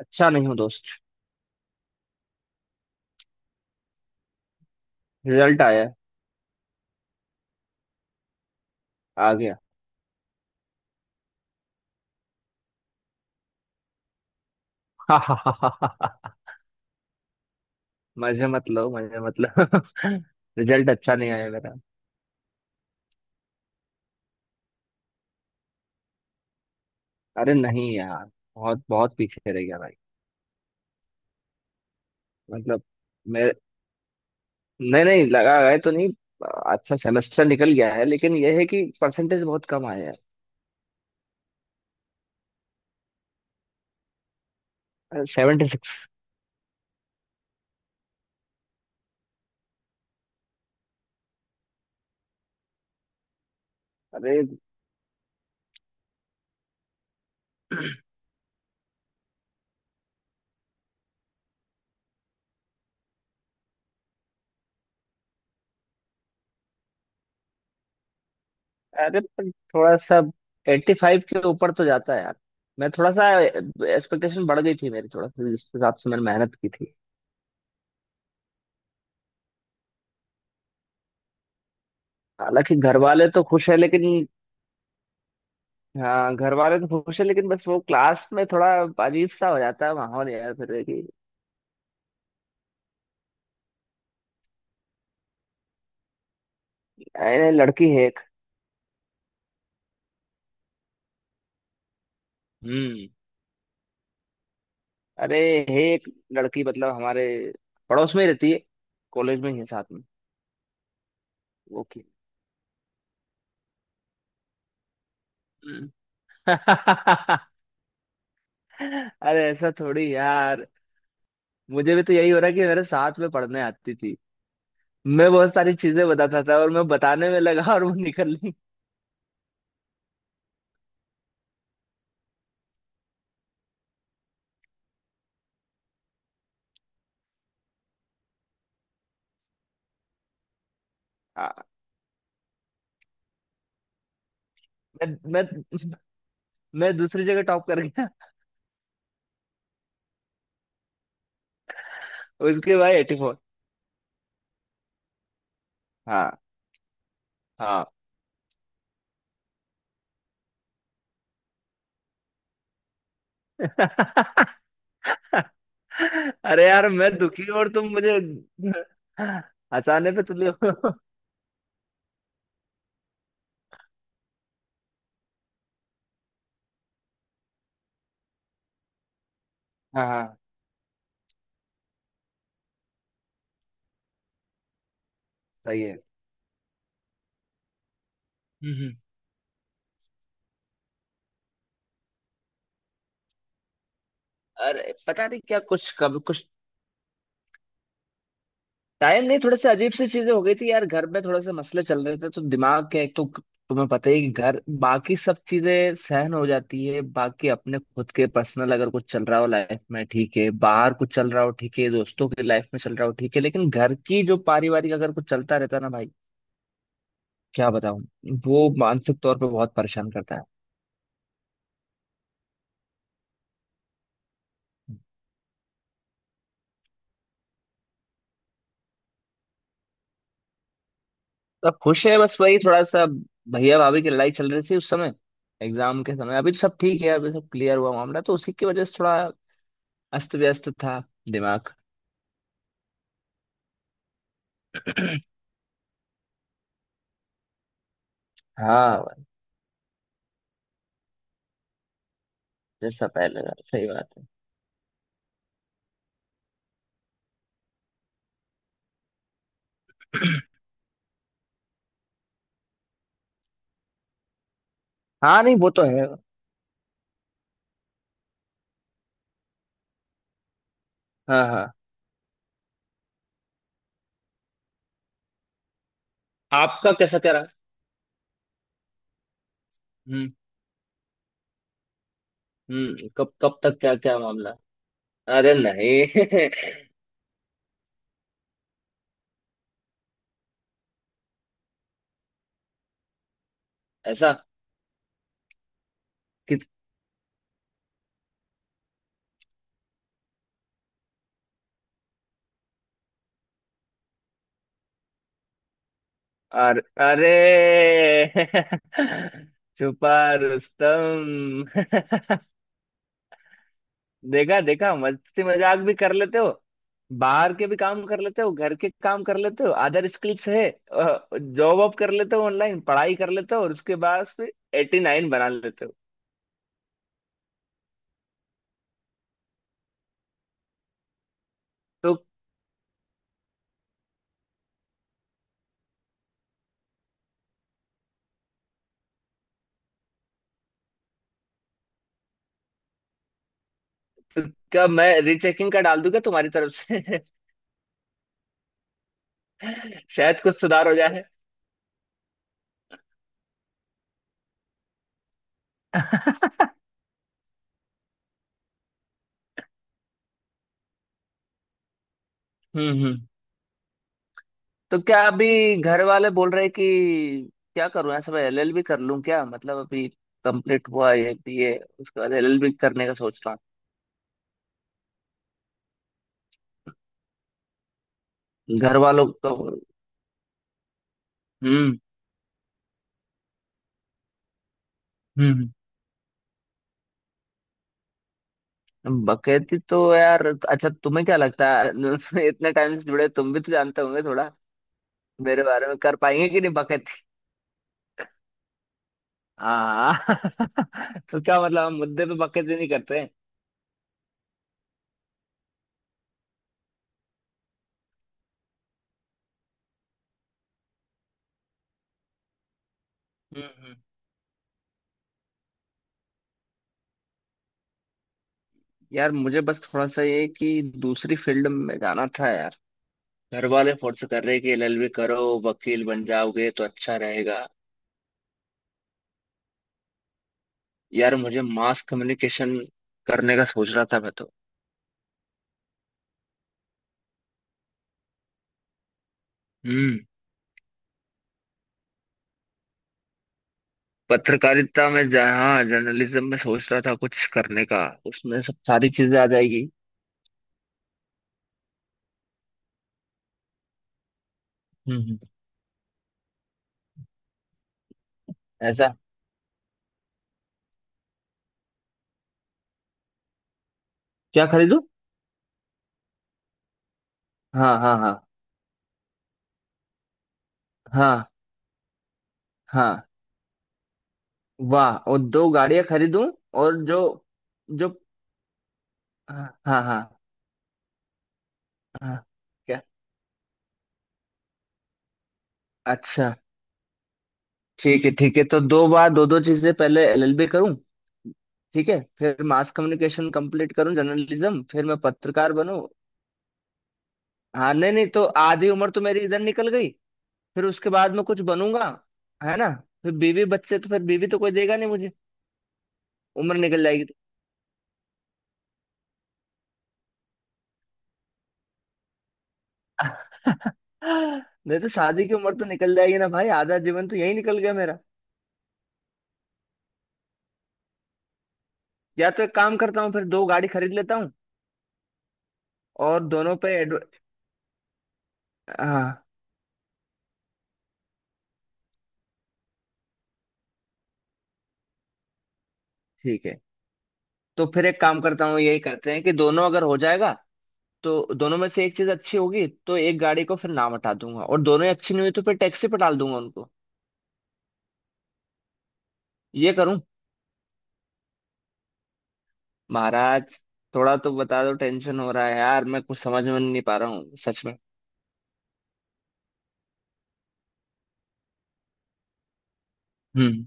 अच्छा नहीं हूँ दोस्त। रिजल्ट आया है, आ गया। मजे मत लो, मजे मत लो। रिजल्ट अच्छा नहीं आया मेरा। अरे नहीं यार, बहुत बहुत पीछे रह गया भाई। मतलब मेरे नहीं नहीं, लगा गए तो नहीं, अच्छा सेमेस्टर निकल गया है, लेकिन यह है कि परसेंटेज बहुत कम आया है। Seventy six. अरे 76। अरे अरे, पर थोड़ा सा एट्टी फाइव के ऊपर तो जाता है यार। मैं थोड़ा सा, एक्सपेक्टेशन बढ़ गई थी मेरी, थोड़ा सा जिस हिसाब से मैंने मेहनत की थी। हालांकि घर वाले तो खुश है लेकिन। हाँ घर वाले तो खुश है, लेकिन बस वो क्लास में थोड़ा अजीब सा हो जाता है माहौल यार, फिर कि। अरे लड़की है एक। हम्म। अरे, है एक लड़की, मतलब हमारे पड़ोस में ही रहती है, कॉलेज में ही है साथ में। वो की। हम्म। अरे ऐसा थोड़ी यार। मुझे भी तो यही हो रहा है कि मेरे साथ में पढ़ने आती थी, मैं बहुत सारी चीजें बताता था, और मैं बताने में लगा और वो निकल ली। हाँ, मैं मैं मैं दूसरी जगह टॉप कर गया। उसके बाद एटी फोर। हाँ, हाँ। अरे यार मैं दुखी और तुम मुझे हंसाने पे तुले हो। हाँ हाँ, सही है। हम्म। अरे पता नहीं क्या, कुछ, कब, कुछ टाइम नहीं, थोड़े से अजीब सी चीजें हो गई थी यार, घर में थोड़े से मसले चल रहे थे तो दिमाग के, एक तो तुम्हें पता ही है कि घर, बाकी सब चीजें सहन हो जाती है, बाकी अपने खुद के पर्सनल अगर कुछ चल रहा हो लाइफ में ठीक है, बाहर कुछ चल रहा हो ठीक है, दोस्तों की लाइफ में चल रहा हो ठीक है, लेकिन घर की जो पारिवारिक अगर कुछ चलता रहता है ना भाई, क्या बताऊं, वो मानसिक तौर पर बहुत परेशान करता है। सब खुश है, बस वही थोड़ा सा भैया भाभी की लड़ाई चल रही थी उस समय, एग्जाम के समय। अभी तो सब ठीक है, अभी सब क्लियर हुआ मामला, तो उसी की वजह से थोड़ा अस्त व्यस्त था दिमाग। हाँ भाई, जैसा पहले था, सही बात है। हाँ नहीं, वो तो है। हाँ हाँ। आपका कैसा क्या रहा? हम्म। हम्म, कब कब तक, क्या क्या मामला? अरे नहीं। ऐसा कि और अरे। छुपा रुस्तम। देखा देखा, मस्ती मजाक भी कर लेते हो, बाहर के भी काम कर लेते हो, घर के काम कर लेते हो, अदर स्किल्स है, जॉब वॉब कर लेते हो, ऑनलाइन पढ़ाई कर लेते हो, और उसके बाद फिर एटी नाइन बना लेते हो। तो तो क्या मैं रीचेकिंग का डाल दूं क्या तुम्हारी तरफ से? शायद कुछ सुधार हो जाए। हम्म। हम्म। तो क्या अभी घर वाले बोल रहे कि, क्या करूं ऐसा, मैं एलएलबी कर लूं क्या? मतलब अभी कंप्लीट हुआ है बीए, उसके बाद एलएलबी करने का सोच रहा हूँ, घर वालों का। हम्म। हम्म। बकैती तो यार, अच्छा तुम्हें क्या लगता है इतने टाइम से जुड़े, तुम भी तो जानते होंगे थोड़ा, मेरे बारे में कर पाएंगे कि नहीं बकैती। हाँ। तो क्या मतलब हम मुद्दे पे बकैती नहीं करते हैं? हम्म। हम्म। यार मुझे बस थोड़ा सा ये कि दूसरी फील्ड में जाना था यार। घर वाले फोर्स कर रहे कि एलएलबी करो, वकील बन जाओगे तो अच्छा रहेगा। यार मुझे मास कम्युनिकेशन करने का सोच रहा था मैं तो। हम्म। पत्रकारिता में, जहाँ जर्नलिज्म में सोच रहा था कुछ करने का, उसमें सब सारी चीजें आ जाएगी। हम्म। हम्म। ऐसा। क्या खरीदूं? हाँ हाँ हाँ। हाँ। हाँ। वाह, और दो गाड़ियां खरीदूं? और जो, जो, हाँ हाँ हाँ। हाँ, क्या? अच्छा, ठीक है ठीक है। तो दो बार, दो दो चीजें, पहले एलएलबी करूं, ठीक है, फिर मास कम्युनिकेशन कंप्लीट करूं जर्नलिज्म, फिर मैं पत्रकार बनूं। हाँ नहीं नहीं, तो आधी उम्र तो मेरी इधर निकल गई, फिर उसके बाद में कुछ बनूंगा, है ना? फिर बीवी बच्चे, तो फिर बीवी तो कोई देगा नहीं मुझे, उम्र निकल जाएगी तो। नहीं तो शादी की उम्र तो निकल जाएगी ना भाई, आधा जीवन तो यही निकल गया मेरा। या तो एक काम करता हूँ, फिर दो गाड़ी खरीद लेता हूँ, और दोनों पे एडव... हाँ। ठीक है, तो फिर एक काम करता हूँ, यही करते हैं कि दोनों अगर हो जाएगा, तो दोनों में से एक चीज अच्छी होगी तो एक गाड़ी को फिर नाम हटा दूंगा, और दोनों ही अच्छी नहीं हुई तो फिर टैक्सी पे डाल दूंगा उनको। ये करूं। महाराज, थोड़ा तो बता दो, टेंशन हो रहा है यार, मैं कुछ समझ में नहीं पा रहा हूँ सच में। हम्म।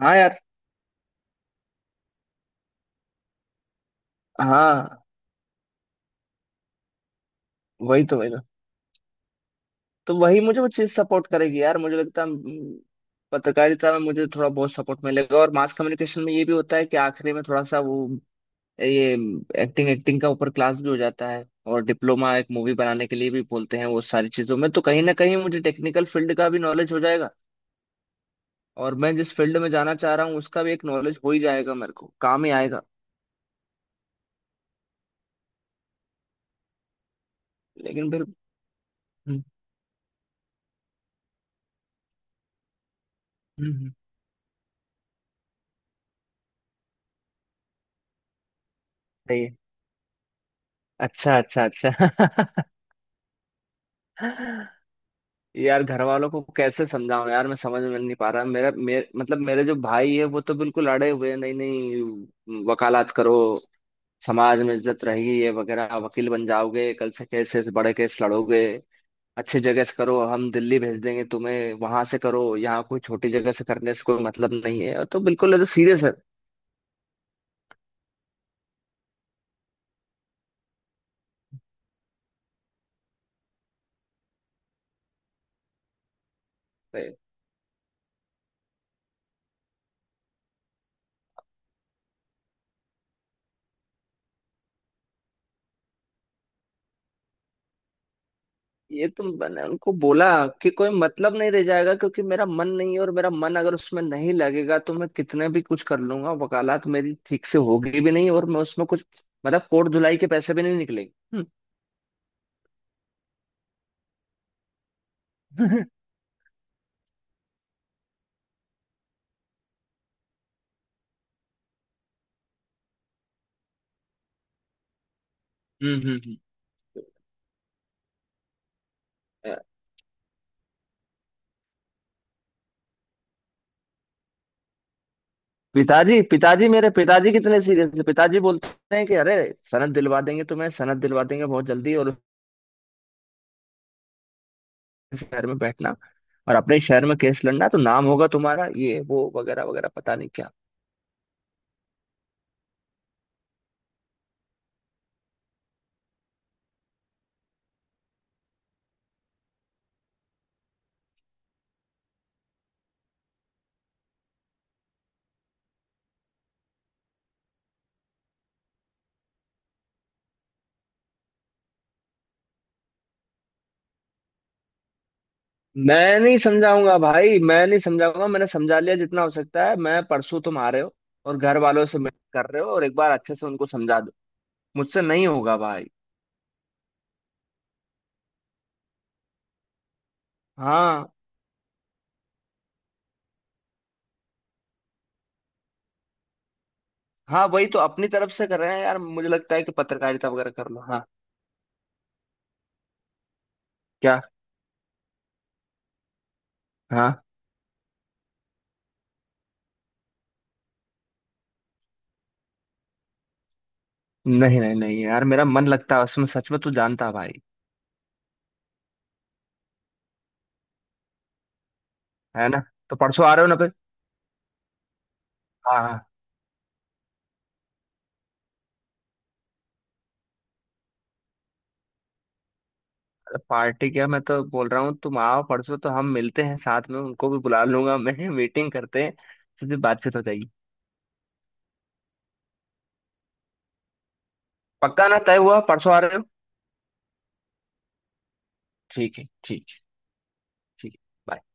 हाँ यार। हाँ, वही तो, तो वही मुझे वो चीज सपोर्ट करेगी यार, मुझे लगता है। पत्रकारिता में मुझे थोड़ा बहुत सपोर्ट मिलेगा, और मास कम्युनिकेशन में ये भी होता है कि आखिरी में थोड़ा सा वो, ये एक्टिंग एक्टिंग का ऊपर क्लास भी हो जाता है, और डिप्लोमा एक मूवी बनाने के लिए भी बोलते हैं, वो सारी चीजों में तो कहीं ना कहीं मुझे टेक्निकल फील्ड का भी नॉलेज हो जाएगा, और मैं जिस फील्ड में जाना चाह रहा हूँ उसका भी एक नॉलेज हो ही जाएगा, मेरे को काम ही आएगा। लेकिन फिर, हम्म, हम्म, सही है। अच्छा अच्छा अच्छा। यार घर वालों को कैसे समझाऊं यार, मैं समझ में नहीं पा रहा। मतलब मेरे जो भाई है वो तो बिल्कुल अड़े हुए हैं, नहीं नहीं वकालत करो, समाज में इज्जत रहेगी, ये वगैरह, वकील बन जाओगे, कल से केसेस, बड़े केस लड़ोगे, अच्छी जगह से करो, हम दिल्ली भेज देंगे तुम्हें, वहां से करो, यहाँ कोई छोटी जगह से करने से कोई मतलब नहीं है, तो बिल्कुल ये तो सीरियस है। ये तो मैंने उनको बोला कि कोई मतलब नहीं रह जाएगा, क्योंकि मेरा मन नहीं है, और मेरा मन अगर उसमें नहीं लगेगा तो मैं कितने भी कुछ कर लूंगा, वकालत मेरी ठीक से होगी भी नहीं, और मैं उसमें कुछ, मतलब कोट धुलाई के पैसे भी नहीं निकलेंगे। हम्म। हम्म, हम्म, हम्म। अ, पिताजी पिताजी मेरे पिताजी कितने सीरियस है, पिताजी बोलते हैं कि अरे सनद दिलवा देंगे तुम्हें, सनद दिलवा देंगे बहुत जल्दी, और उस शहर में बैठना और अपने शहर में केस लड़ना तो नाम होगा तुम्हारा, ये वो वगैरह वगैरह पता नहीं क्या। मैं नहीं समझाऊंगा भाई, मैं नहीं समझाऊंगा, मैंने समझा लिया जितना हो सकता है। मैं परसों, तुम आ रहे हो और घर वालों से मिल कर रहे हो, और एक बार अच्छे से उनको समझा दो, मुझसे नहीं होगा भाई। हाँ, हाँ वही तो अपनी तरफ से कर रहे हैं यार, मुझे लगता है कि पत्रकारिता वगैरह कर लो। हाँ। क्या? हाँ नहीं नहीं नहीं यार, मेरा मन लगता है उसमें सच में, तू जानता है भाई। है ना? तो परसों आ रहे हो ना फिर? हाँ हाँ। अरे पार्टी क्या, मैं तो बोल रहा हूँ तुम आओ परसों तो हम मिलते हैं साथ में, उनको भी बुला लूंगा मैं मीटिंग करते हैं, सीधी बातचीत हो जाएगी। पक्का ना, तय हुआ, परसों आ रहे हो? ठीक है, ठीक है। ठीक है। bye.